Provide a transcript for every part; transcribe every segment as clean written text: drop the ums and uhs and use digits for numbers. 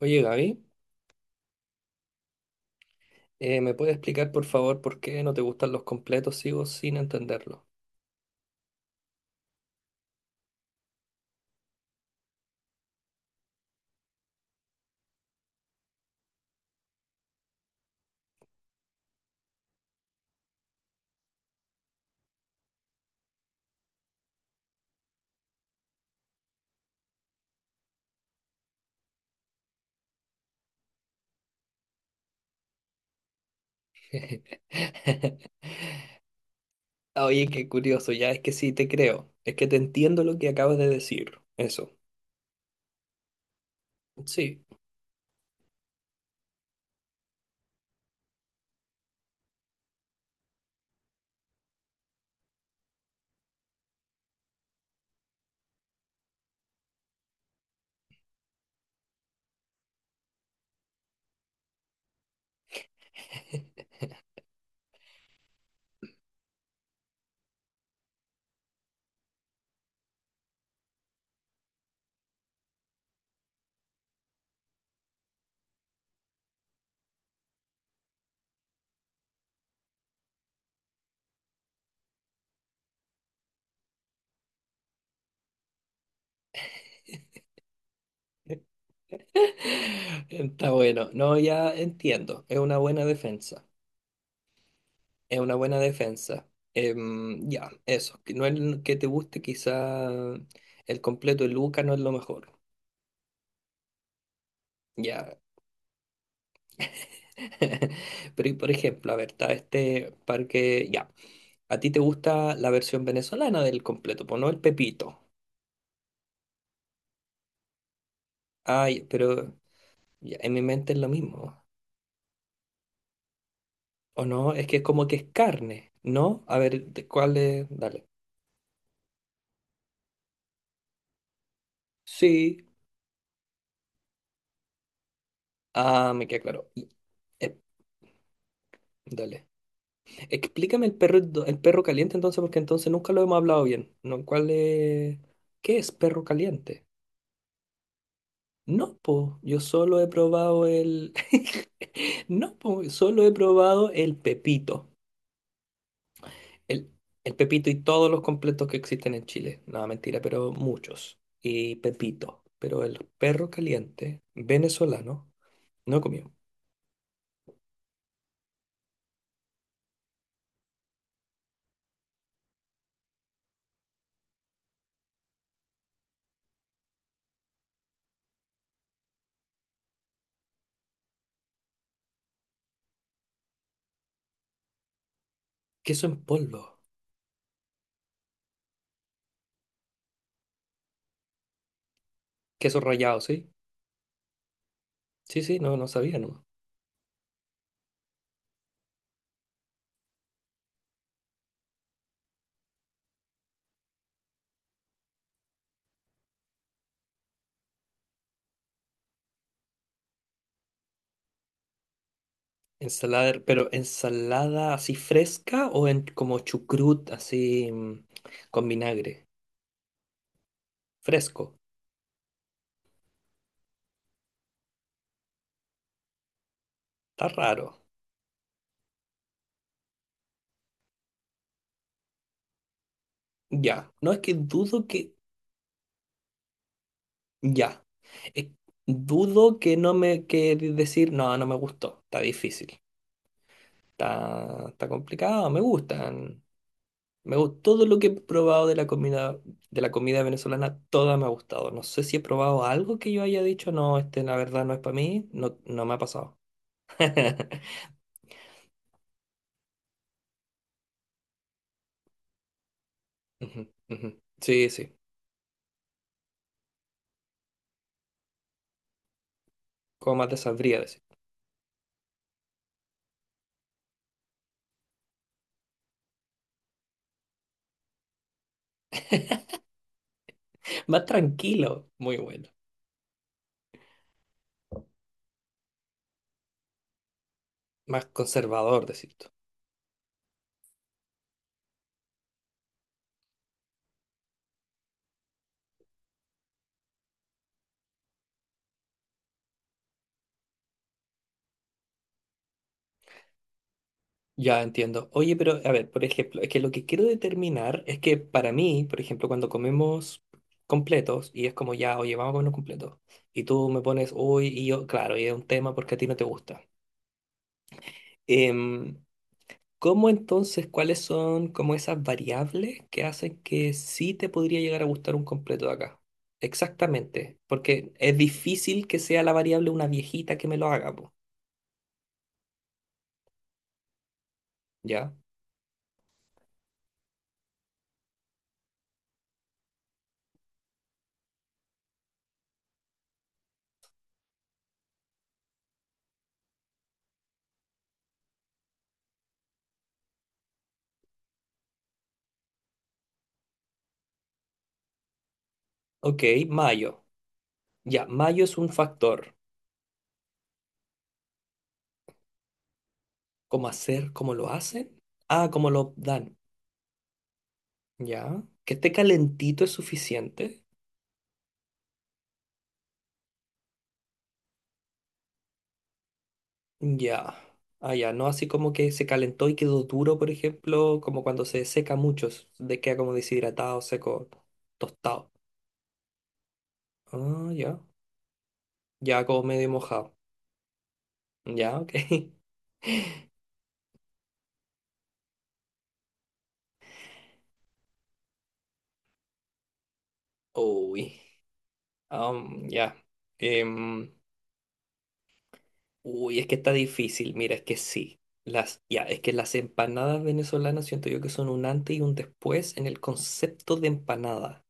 Oye, Gaby, ¿me puedes explicar por favor por qué no te gustan los completos? Sigo sin entenderlo. Oye, qué curioso, ya es que sí, te creo. Es que te entiendo lo que acabas de decir. Eso, sí. Está bueno. No, ya entiendo. Es una buena defensa. Es una buena defensa. Ya, eso. Que no es lo que te guste, quizá el completo de Luca no es lo mejor. Ya. Pero, y por ejemplo, a ver, está este parque, ya. A ti te gusta la versión venezolana del completo, pues no el Pepito. Ay, pero ya, en mi mente es lo mismo. ¿O no? Es que es como que es carne, ¿no? A ver, ¿de ¿cuál es? Dale. Sí. Ah, me queda claro. Eh, dale. Explícame el perro caliente entonces, porque entonces nunca lo hemos hablado bien. ¿No? ¿Cuál es? ¿Qué es perro caliente? No, po, yo solo he probado el... No, po, solo he probado el Pepito. El, el Pepito y todos los completos que existen en Chile. No, mentira, pero muchos. Y Pepito. Pero el perro caliente venezolano no comió. Queso en polvo. Queso rallado, ¿sí? Sí, sí, no, no sabía, ¿no? Pero ensalada así fresca o como chucrut con vinagre. Fresco. Está raro. Ya, no es que dudo que, ya, Es- dudo que no me, que de- decir, no, no me gustó, está difícil, está complicado, me gustan, me gusta todo lo que he probado de la comida, venezolana, toda me ha gustado, no sé si he probado algo que yo haya dicho, no, la verdad no es para mí, no, no me ha pasado. Ujú, ujú. Sí, sí, como más te sabría decir, más tranquilo, muy bueno, más conservador decir. Ya entiendo. Oye, pero a ver, por ejemplo, es que lo que quiero determinar es que para mí, por ejemplo, cuando comemos completos y es como ya, oye, vamos a comer un completo y tú me pones, uy, y yo, claro, y es un tema porque a ti no te gusta. Em, ¿Cómo entonces, cuáles son como esas variables que hacen que sí te podría llegar a gustar un completo de acá? Exactamente, porque es difícil que sea la variable una viejita que me lo haga, po, ¿ya? Ok, mayo. Ya, mayo es un factor. ¿Cómo hacer? ¿Cómo lo hacen? Ah, ¿cómo lo dan? Ya. Que esté calentito es suficiente. Ya. Ah, ya. No así como que se calentó y quedó duro, por ejemplo, como cuando se seca mucho, s- de queda como deshidratado, seco, tostado. Ah, ya. Ya como medio mojado. Ya, ok. Uy. Ya. Em, Uy, es que está difícil, mira, es que sí. Ya, es que las empanadas venezolanas siento yo que son un antes y un después en el concepto de empanada.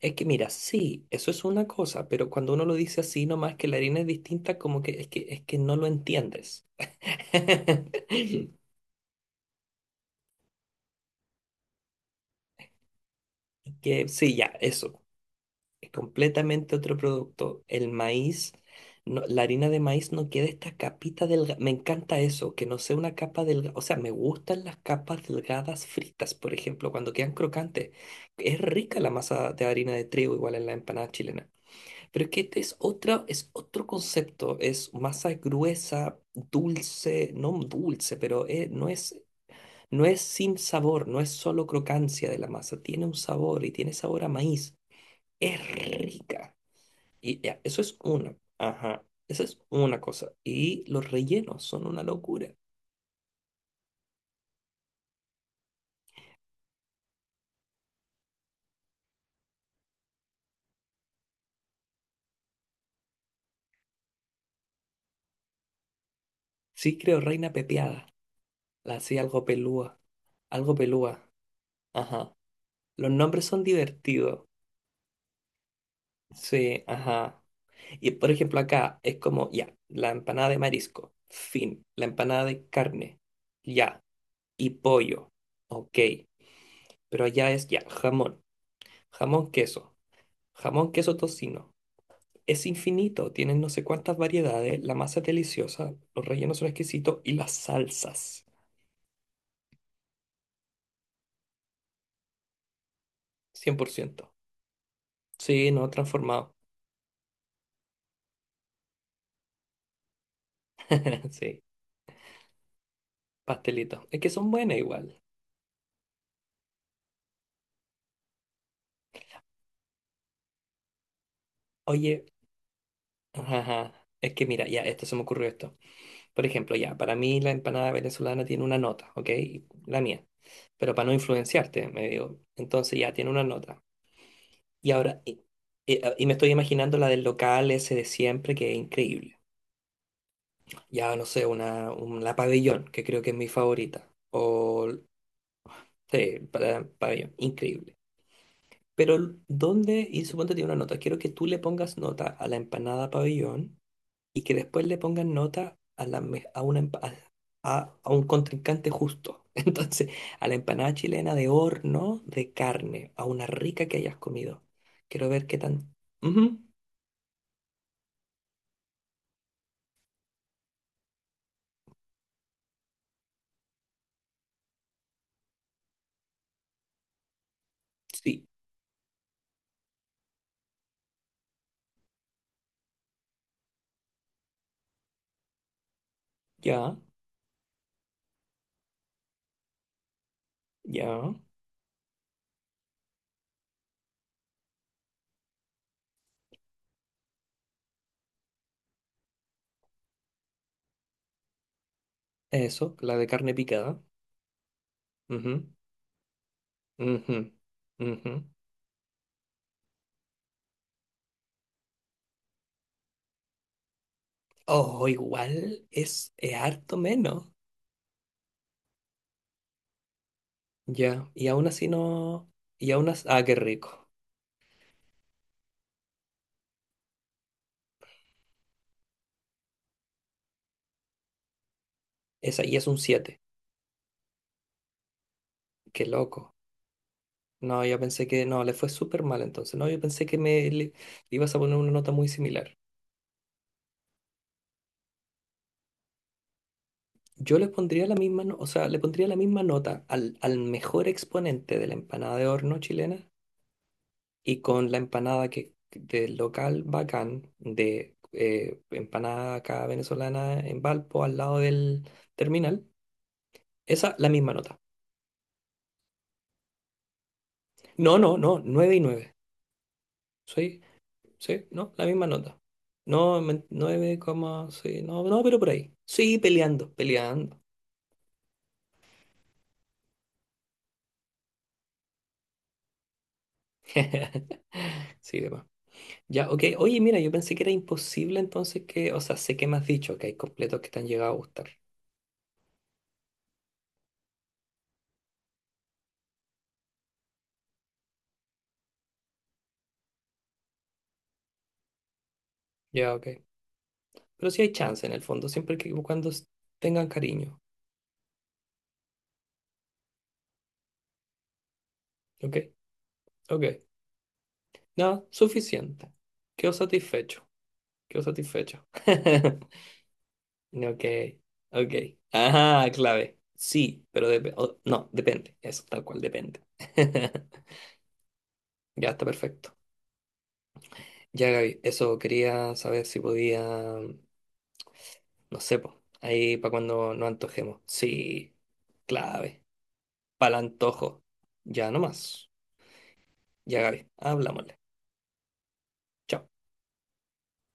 Es que mira, sí, eso es una cosa, pero cuando uno lo dice así nomás que la harina es distinta, como que es que no lo entiendes. Que sí, ya, eso. Es completamente otro producto. El maíz, la harina de maíz no queda esta capita delgada. Me encanta eso, que no sea una capa delgada. O sea, me gustan las capas delgadas fritas, por ejemplo, cuando quedan crocantes. Es rica la masa de harina de trigo, igual en la empanada chilena. Pero es que este es otra, es otro concepto. Es masa gruesa, dulce, no dulce, pero no es sin sabor, no es solo crocancia de la masa. Tiene un sabor y tiene sabor a maíz. Es rica. Y ya, eso es una. Ajá, esa es una cosa. Y los rellenos son una locura. Sí, creo, reina pepeada. La hacía algo pelúa. Algo pelúa. Ajá. Los nombres son divertidos. Sí, ajá. Y por ejemplo acá es como, ya, la empanada de marisco. Fin. La empanada de carne. Ya. Y pollo. Ok. Pero allá es ya, jamón. Jamón queso. Jamón queso tocino. Es infinito, tienen no sé cuántas variedades, la masa es deliciosa, los rellenos son exquisitos y las salsas, 100%. Sí, no, transformado. Sí, pastelitos. Es que son buenas igual. Oye, ajá, ajá, es que mira, ya, esto se me ocurrió esto. Por ejemplo, ya, para mí la empanada venezolana tiene una nota, ¿ok? La mía. Pero para no influenciarte, me digo, entonces ya tiene una nota. Y ahora, y me estoy imaginando la del local ese de siempre, que es increíble. Ya no sé, la pabellón, que creo que es mi favorita. O, sí, para, pabellón, increíble. Pero, ¿dónde? Y suponte tiene una nota. Quiero que tú le pongas nota a la empanada pabellón y que después le pongas nota a, la, me- a, una, empa- a un contrincante justo. Entonces, a la empanada chilena de horno de carne, a una rica que hayas comido. Quiero ver qué tan. Ujú, sí, ya, ya. Eso, la de carne picada. Ujú. Ujú, ujú. O igual es harto menos. Ya, y aún así no. Y aún así. Ah, qué rico. Esa, y es un siete. Qué loco. No, yo pensé que. No, le fue súper mal entonces. No, yo pensé que le ibas a poner una nota muy similar. Yo le pondría la misma. O sea, le pondría la misma nota al mejor exponente de la empanada de horno chilena y con la empanada que del local Bacán, de empanada acá venezolana en Valpo, al lado del terminal, esa la misma nota. No, no, no, 9 y nueve. Sí, sí, no, la misma nota. No, 9, coma, sí, no, no, pero por ahí. Sí, peleando, peleando. Sí, demás. Ya, ok. Oye, mira, yo pensé que era imposible entonces que, o sea, sé que me has dicho que hay completos que te han llegado a gustar. Ya, ok. Pero sí hay chance en el fondo, siempre que cuando tengan cariño. ¿Ok? Ok. Nada, suficiente. Quedo satisfecho. Quedo satisfecho. Ok. Ok. Ajá, clave. Sí, pero no, depende. Eso, tal cual, depende. Ya está perfecto. Ya, Gaby, eso quería saber si podía, no sé, po, ahí para cuando nos antojemos. Sí, clave. Para el antojo. Ya nomás. Ya, Gaby, hablámosle. Chao.